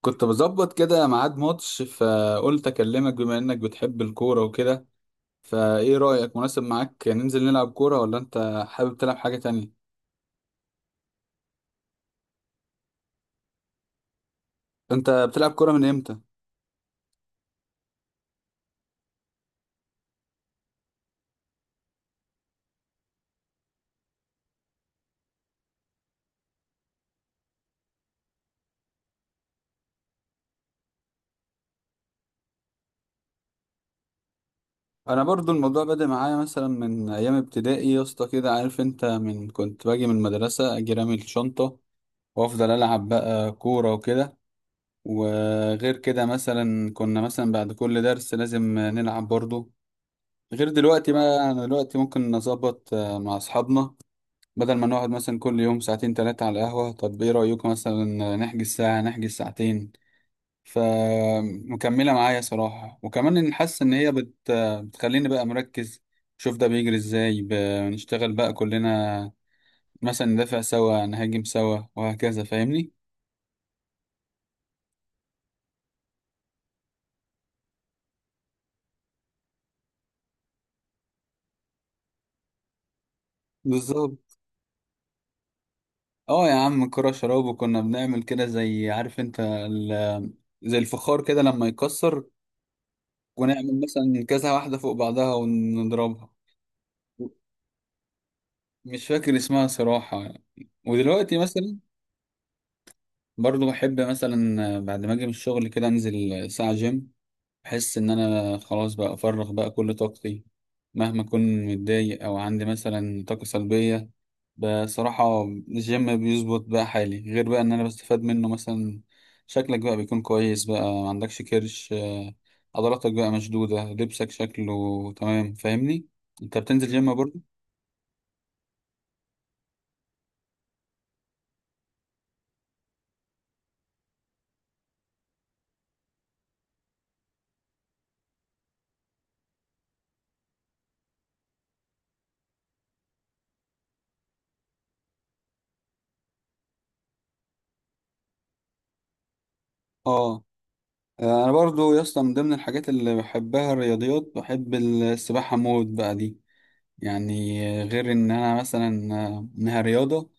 كنت بظبط كده ميعاد ماتش، فقلت اكلمك بما انك بتحب الكورة وكده. فايه رأيك، مناسب معاك ننزل نلعب كورة ولا انت حابب تلعب حاجة تانية؟ انت بتلعب كورة من امتى؟ انا برضو الموضوع بدأ معايا مثلا من ايام ابتدائي يا اسطى، كده عارف انت، من كنت باجي من المدرسة اجي رامي الشنطة وافضل العب بقى كورة وكده. وغير كده مثلا كنا مثلا بعد كل درس لازم نلعب برضو. غير دلوقتي بقى، انا دلوقتي ممكن نظبط مع اصحابنا بدل ما نقعد مثلا كل يوم ساعتين تلاتة على القهوة. طب ايه رأيكم مثلا نحجز ساعة، نحجز ساعتين؟ فمكملة معايا صراحة، وكمان إن حاسس إن هي بتخليني بقى مركز. شوف ده بيجري ازاي. نشتغل بقى كلنا، مثلا ندافع سوا نهاجم سوا وهكذا، فاهمني؟ بالظبط. اه يا عم الكرة شراب، وكنا بنعمل كده زي، عارف انت، زي الفخار كده لما يكسر، ونعمل مثلا كذا واحدة فوق بعضها ونضربها. مش فاكر اسمها صراحة. ودلوقتي مثلا برضو بحب مثلا بعد ما اجي من الشغل كده انزل ساعة جيم. بحس ان انا خلاص بقى افرغ بقى كل طاقتي، مهما اكون متضايق او عندي مثلا طاقة سلبية. بصراحة الجيم بيظبط بقى حالي، غير بقى ان انا بستفاد منه مثلا، شكلك بقى بيكون كويس، بقى ما عندكش كرش، عضلاتك بقى مشدودة، لبسك شكله تمام، فاهمني؟ انت بتنزل جيم برضو؟ اه. انا برضو يا اسطى من ضمن الحاجات اللي بحبها الرياضيات، بحب السباحه موت بقى دي. يعني غير ان انا مثلا انها رياضه،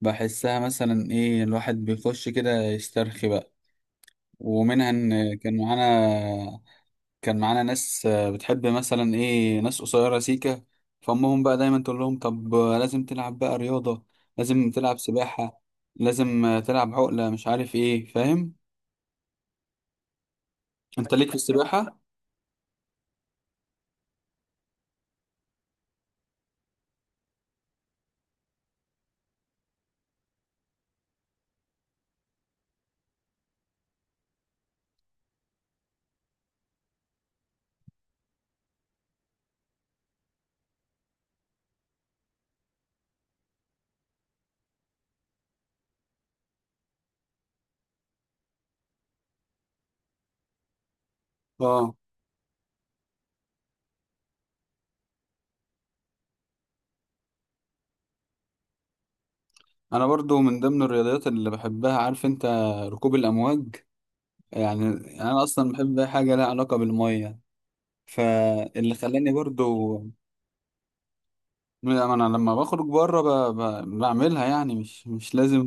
بحسها مثلا ايه، الواحد بيخش كده يسترخي بقى. ومنها ان كان معانا، كان معانا ناس بتحب مثلا ايه، ناس قصيرة سيكة، فأمهم بقى دايما تقول لهم: طب لازم تلعب بقى رياضة، لازم تلعب سباحة، لازم تلعب عقلة، مش عارف ايه، فاهم؟ انت ليك في السباحة؟ اه. انا برضو من ضمن الرياضيات اللي بحبها، عارف انت، ركوب الامواج. يعني انا اصلا بحب اي حاجه لها علاقه بالميه، فاللي خلاني برضو انا لما بخرج بره بعملها، يعني مش مش لازم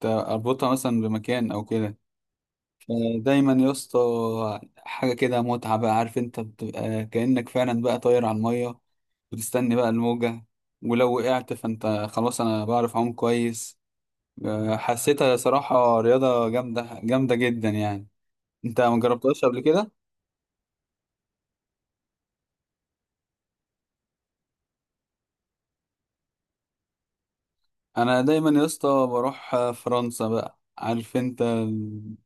اربطها مثلا بمكان او كده. فدايما يا اسطى حاجه كده متعه بقى، عارف انت، بتبقى كانك فعلا بقى طاير على الميه، وتستني بقى الموجه. ولو وقعت فانت خلاص، انا بعرف اعوم كويس. حسيتها صراحة رياضة جامدة جامدة جدا يعني. انت ما جربتهاش قبل كده؟ انا دايما يا اسطى بروح فرنسا بقى، عارف انت.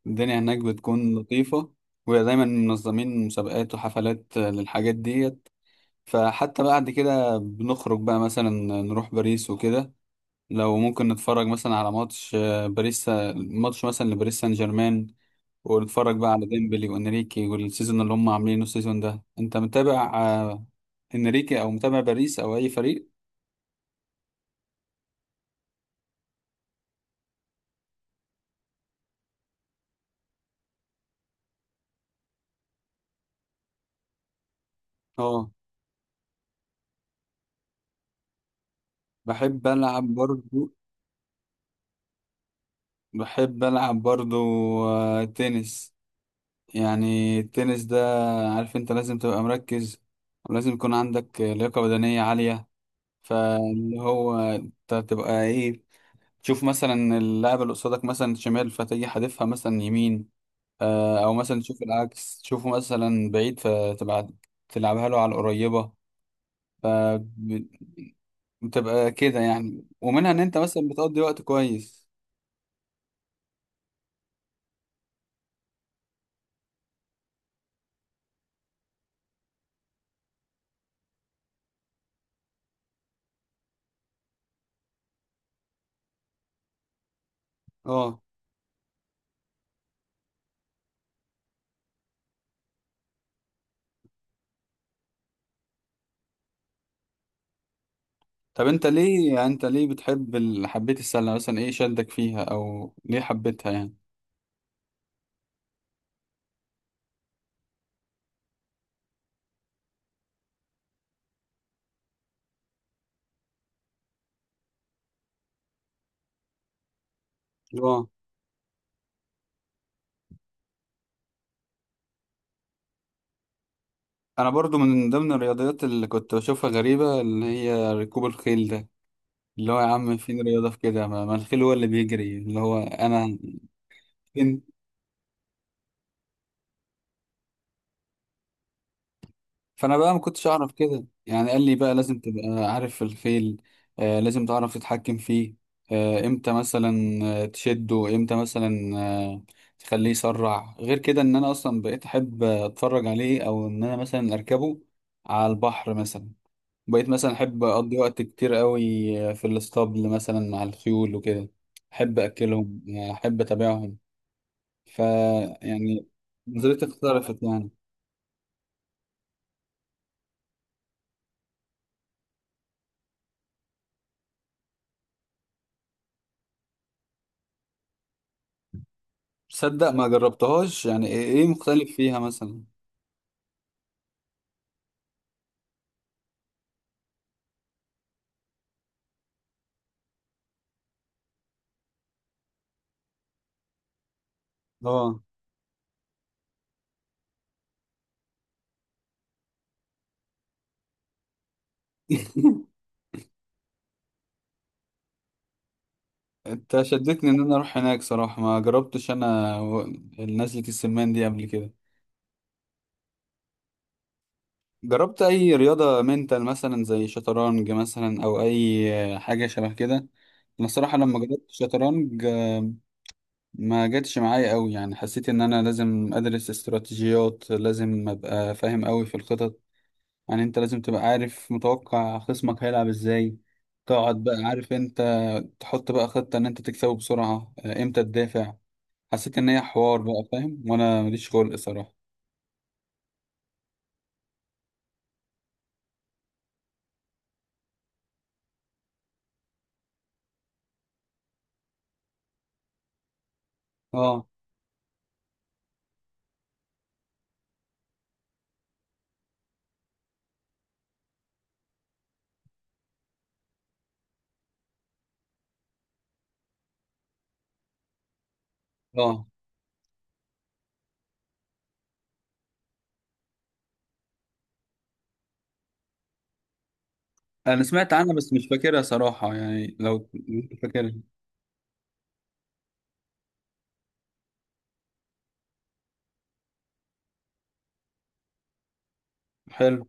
الدنيا هناك بتكون لطيفة، ودايما منظمين مسابقات وحفلات للحاجات ديت. فحتى بعد كده بنخرج بقى مثلا نروح باريس وكده، لو ممكن نتفرج مثلا على ماتش باريس، ماتش مثلا لباريس سان جيرمان، واتفرج بقى على ديمبلي وانريكي والسيزون اللي هم عاملينه السيزون ده. انت متابع انريكي، او متابع باريس او اي فريق؟ اه. بحب العب برضو. بحب العب برضو تنس. يعني التنس ده، عارف انت، لازم تبقى مركز، ولازم يكون عندك لياقة بدنية عالية. فاللي هو انت تبقى ايه، تشوف مثلا اللاعب اللي قصادك مثلا شمال فتيجي حادفها مثلا يمين، او مثلا تشوف العكس، تشوفه مثلا بعيد فتبقى تلعبها له على القريبة. فبتبقى كده يعني، ومنها ان انت مثلا بتقضي وقت كويس. اه. طب انت ليه يعني، انت ليه بتحب حبيت السلة مثلا، ايه شدك فيها او ليه حبيتها يعني؟ اه. انا برضو من ضمن الرياضيات اللي كنت بشوفها غريبة اللي هي ركوب الخيل ده، اللي هو يا عم فين رياضة في كده، ما الخيل هو اللي بيجري، اللي هو انا فين؟ فانا بقى ما كنتش اعرف كده يعني، قال لي بقى لازم تبقى عارف الخيل، آه لازم تعرف تتحكم فيه، آه امتى مثلا تشده، امتى مثلا آه تخليه يسرع. غير كده ان انا اصلا بقيت احب اتفرج عليه، او ان انا مثلا اركبه على البحر مثلا. بقيت مثلا احب اقضي وقت كتير قوي في الاسطبل مثلا مع الخيول وكده، احب اكلهم، احب اتابعهم. ف يعني نظرتي اختلفت يعني. تصدق ما جربتهاش يعني، ايه إيه مختلف فيها مثلا؟ اه. انت شدتني ان انا اروح هناك صراحة، ما جربتش انا نزلة السمان دي قبل كده. جربت اي رياضة منتال مثلا زي شطرنج مثلا او اي حاجة شبه كده؟ انا صراحة لما جربت شطرنج ما جاتش معايا قوي يعني. حسيت ان انا لازم ادرس استراتيجيات، لازم ابقى فاهم قوي في الخطط. يعني انت لازم تبقى عارف متوقع خصمك هيلعب ازاي، تقعد بقى، عارف انت، تحط بقى خطة ان انت تكسبه بسرعة، امتى تدافع. حسيت ان هي حوار بقى، فاهم، وانا ماليش خلق صراحة. اه. اه، انا سمعت عنها بس مش فاكرها صراحة يعني، لو انت فاكرها. حلو.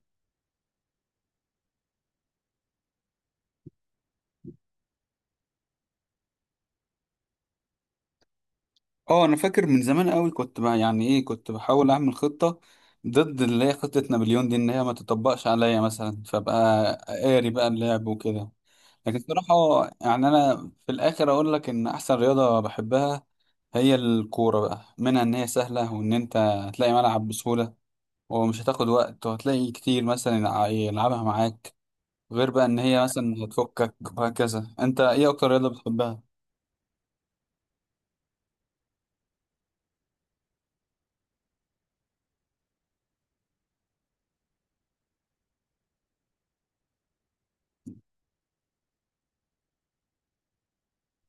اه، انا فاكر من زمان قوي كنت بقى يعني ايه، كنت بحاول اعمل خطة ضد اللي هي خطة نابليون دي ان هي ما تطبقش عليا مثلا، فبقى قاري بقى اللعب وكده. لكن الصراحة يعني أنا في الآخر أقول لك إن أحسن رياضة بحبها هي الكورة بقى، منها إن هي سهلة وإن أنت هتلاقي ملعب بسهولة ومش هتاخد وقت، وهتلاقي كتير مثلا يلعبها معاك، غير بقى إن هي مثلا هتفكك وهكذا. أنت إيه أكتر رياضة بتحبها؟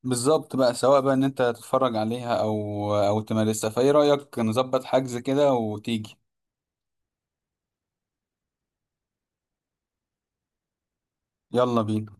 بالظبط بقى، سواء بقى إن أنت تتفرج عليها أو تمارسها. فإيه رأيك نظبط حجز كده وتيجي؟ يلا بينا.